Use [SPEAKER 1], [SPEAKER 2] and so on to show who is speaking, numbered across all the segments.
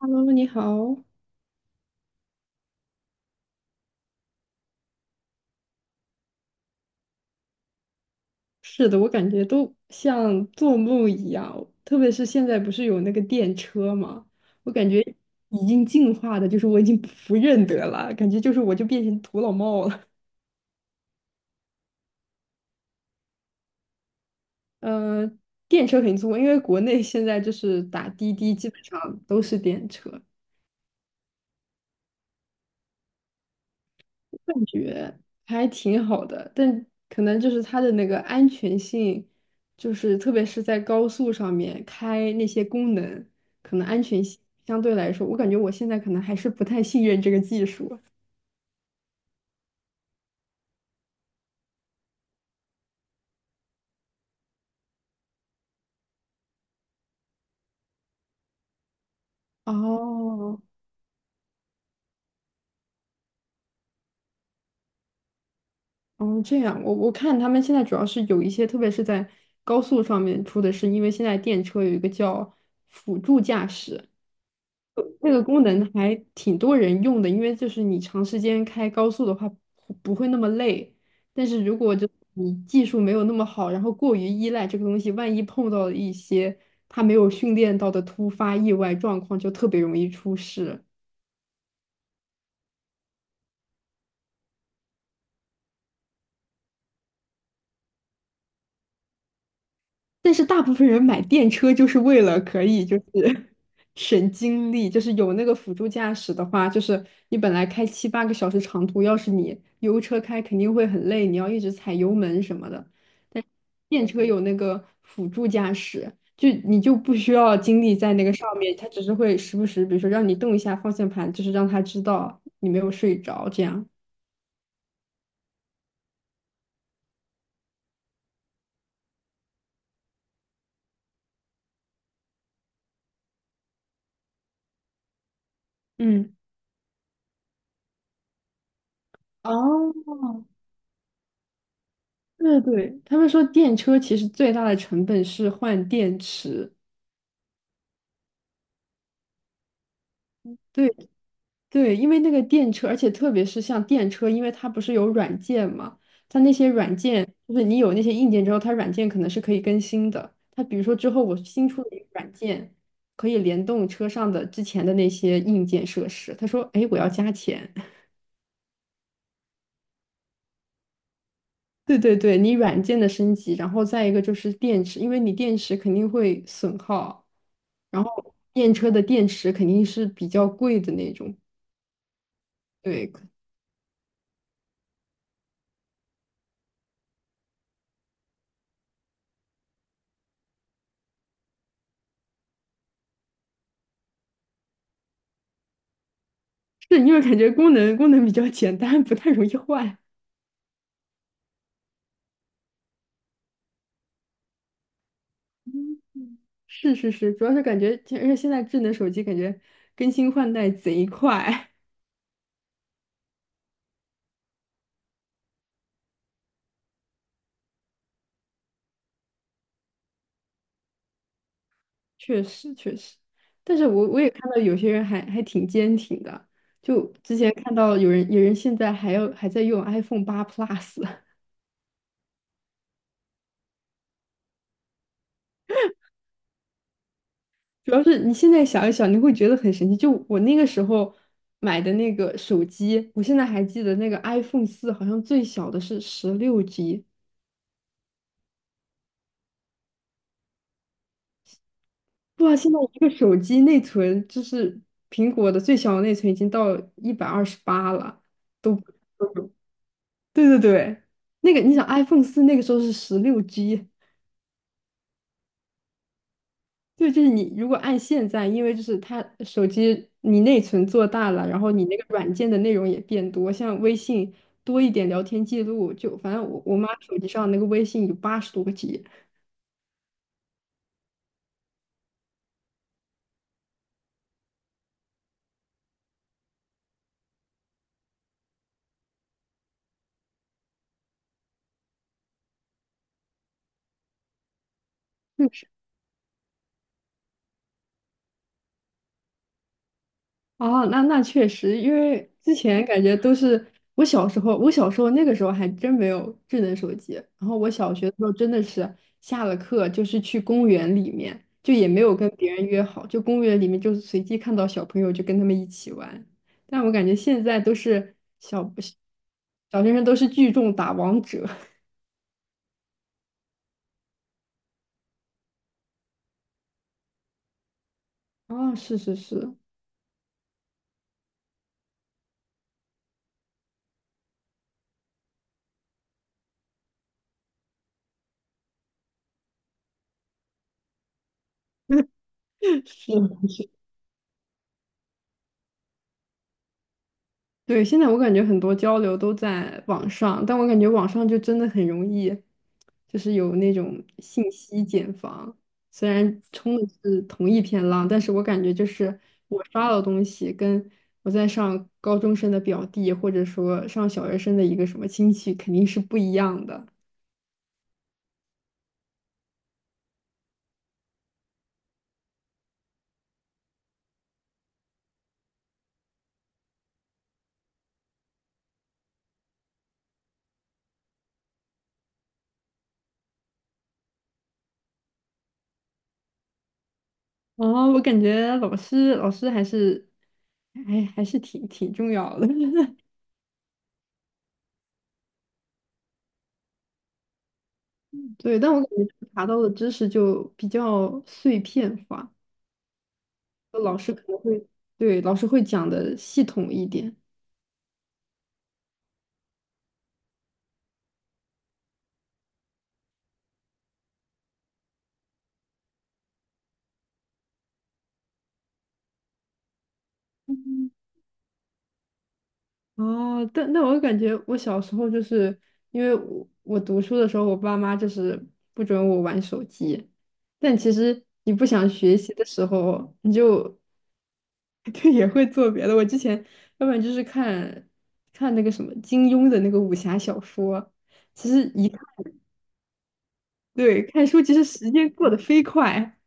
[SPEAKER 1] Hello，你好。是的，我感觉都像做梦一样，特别是现在不是有那个电车嘛，我感觉已经进化的，就是我已经不认得了，感觉就是我就变成土老帽了。呃，电车肯定坐过，因为国内现在就是打滴滴，基本上都是电车。感觉还挺好的，但可能就是它的那个安全性，就是特别是在高速上面开那些功能，可能安全性相对来说，我感觉我现在可能还是不太信任这个技术。哦，哦，这样，我看他们现在主要是有一些，特别是在高速上面出的是，因为现在电车有一个叫辅助驾驶，那个功能还挺多人用的，因为就是你长时间开高速的话不会那么累，但是如果就你技术没有那么好，然后过于依赖这个东西，万一碰到了一些他没有训练到的突发意外状况，就特别容易出事。但是大部分人买电车就是为了可以就是 省精力，就是有那个辅助驾驶的话，就是你本来开7、8个小时长途，要是你油车开肯定会很累，你要一直踩油门什么的。但电车有那个辅助驾驶，就你就不需要精力在那个上面，它只是会时不时，比如说让你动一下方向盘，就是让它知道你没有睡着这样。嗯，哦，对对，他们说电车其实最大的成本是换电池。对对，因为那个电车，而且特别是像电车，因为它不是有软件嘛，它那些软件就是你有那些硬件之后，它软件可能是可以更新的。它比如说之后我新出了一个软件，可以联动车上的之前的那些硬件设施。他说，哎，我要加钱。对对对，你软件的升级，然后再一个就是电池，因为你电池肯定会损耗。然后电车的电池肯定是比较贵的那种，对，是因为感觉功能比较简单，不太容易坏。是是是，主要是感觉，而且现在智能手机感觉更新换代贼快，确实确实。但是我也看到有些人还挺坚挺的，就之前看到有人现在还要还在用 iPhone 8 Plus。主要是你现在想一想，你会觉得很神奇。就我那个时候买的那个手机，我现在还记得那个 iPhone 四，好像最小的是十六 G。哇，现在一个手机内存，就是苹果的最小的内存已经到128了，都对对对。那个你想 iPhone 四那个时候是十六 G，对，就是你如果按现在，因为就是它手机你内存做大了，然后你那个软件的内容也变多，像微信多一点聊天记录，就反正我妈手机上那个微信有80多个G。哦，那确实，因为之前感觉都是我小时候那个时候还真没有智能手机。然后我小学的时候真的是下了课就是去公园里面，就也没有跟别人约好，就公园里面就是随机看到小朋友就跟他们一起玩。但我感觉现在都是小学生都是聚众打王者。哦，是是是是。对，现在我感觉很多交流都在网上，但我感觉网上就真的很容易，就是有那种信息茧房。虽然冲的是同一片浪，但是我感觉就是我刷到的东西，跟我在上高中生的表弟，或者说上小学生的一个什么亲戚，肯定是不一样的。哦，我感觉老师还是还是挺重要的。对，但我感觉查到的知识就比较碎片化。老师可能会，对，老师会讲的系统一点。哦，但我感觉我小时候就是因为我读书的时候，我爸妈就是不准我玩手机，但其实你不想学习的时候，你就 就也会做别的。我之前要不然就是看那个什么金庸的那个武侠小说，其实一看，对，看书其实时间过得飞快。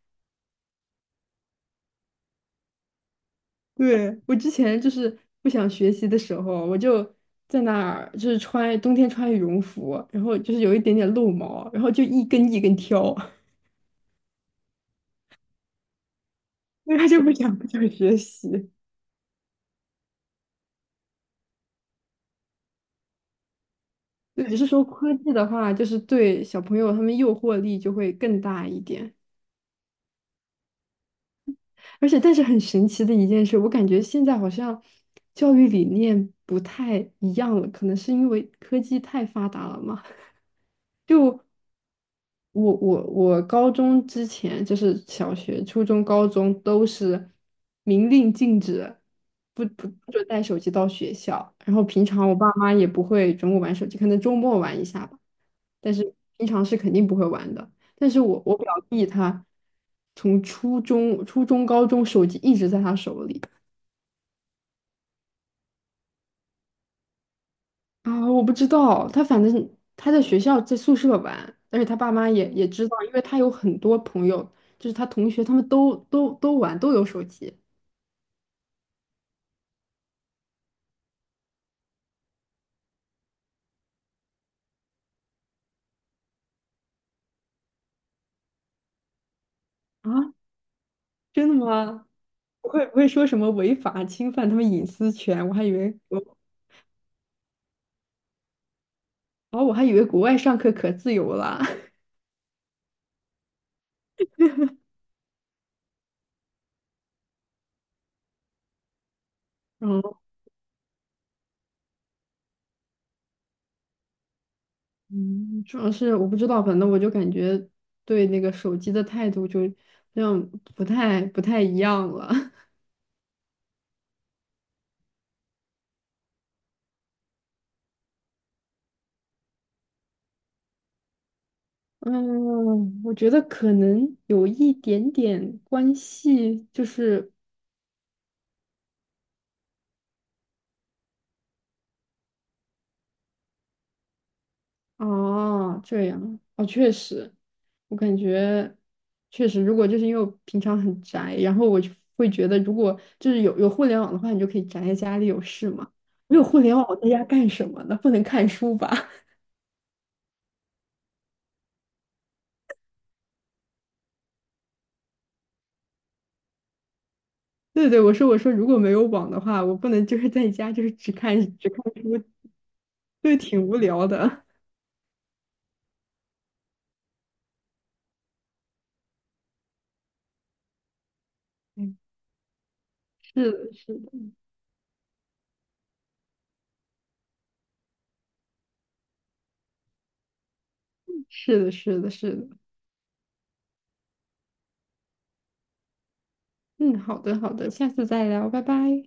[SPEAKER 1] 对，我之前就是不想学习的时候，我就在那儿就是冬天穿羽绒服，然后就是有一点点露毛，然后就一根一根挑，因为他就不想学习。对，只是说科技的话，就是对小朋友他们诱惑力就会更大一点。而且，但是很神奇的一件事，我感觉现在好像教育理念不太一样了，可能是因为科技太发达了嘛。就我高中之前就是小学、初中、高中都是明令禁止，不准带手机到学校。然后平常我爸妈也不会准我玩手机，可能周末玩一下吧，但是平常是肯定不会玩的。但是我表弟他从初中、高中手机一直在他手里。啊，我不知道，他反正他在学校在宿舍玩，而且他爸妈也知道，因为他有很多朋友，就是他同学，他们都玩，都有手机啊，真的吗？不会不会说什么违法侵犯他们隐私权？我还以为我哦，我还以为国外上课可自由了。然后嗯，主要是我不知道，反正我就感觉对那个手机的态度就那样不太一样了。嗯，我觉得可能有一点点关系，就是啊，这样哦，确实，我感觉确实，如果就是因为我平常很宅，然后我就会觉得，如果就是有互联网的话，你就可以宅在家里有事嘛。没有互联网，我在家干什么呢？不能看书吧？对对，我说，如果没有网的话，我不能就是在家就是只看书，对，挺无聊的。嗯，是的，是的，是的，是的，是的。嗯，好的好的，下次再聊，拜拜。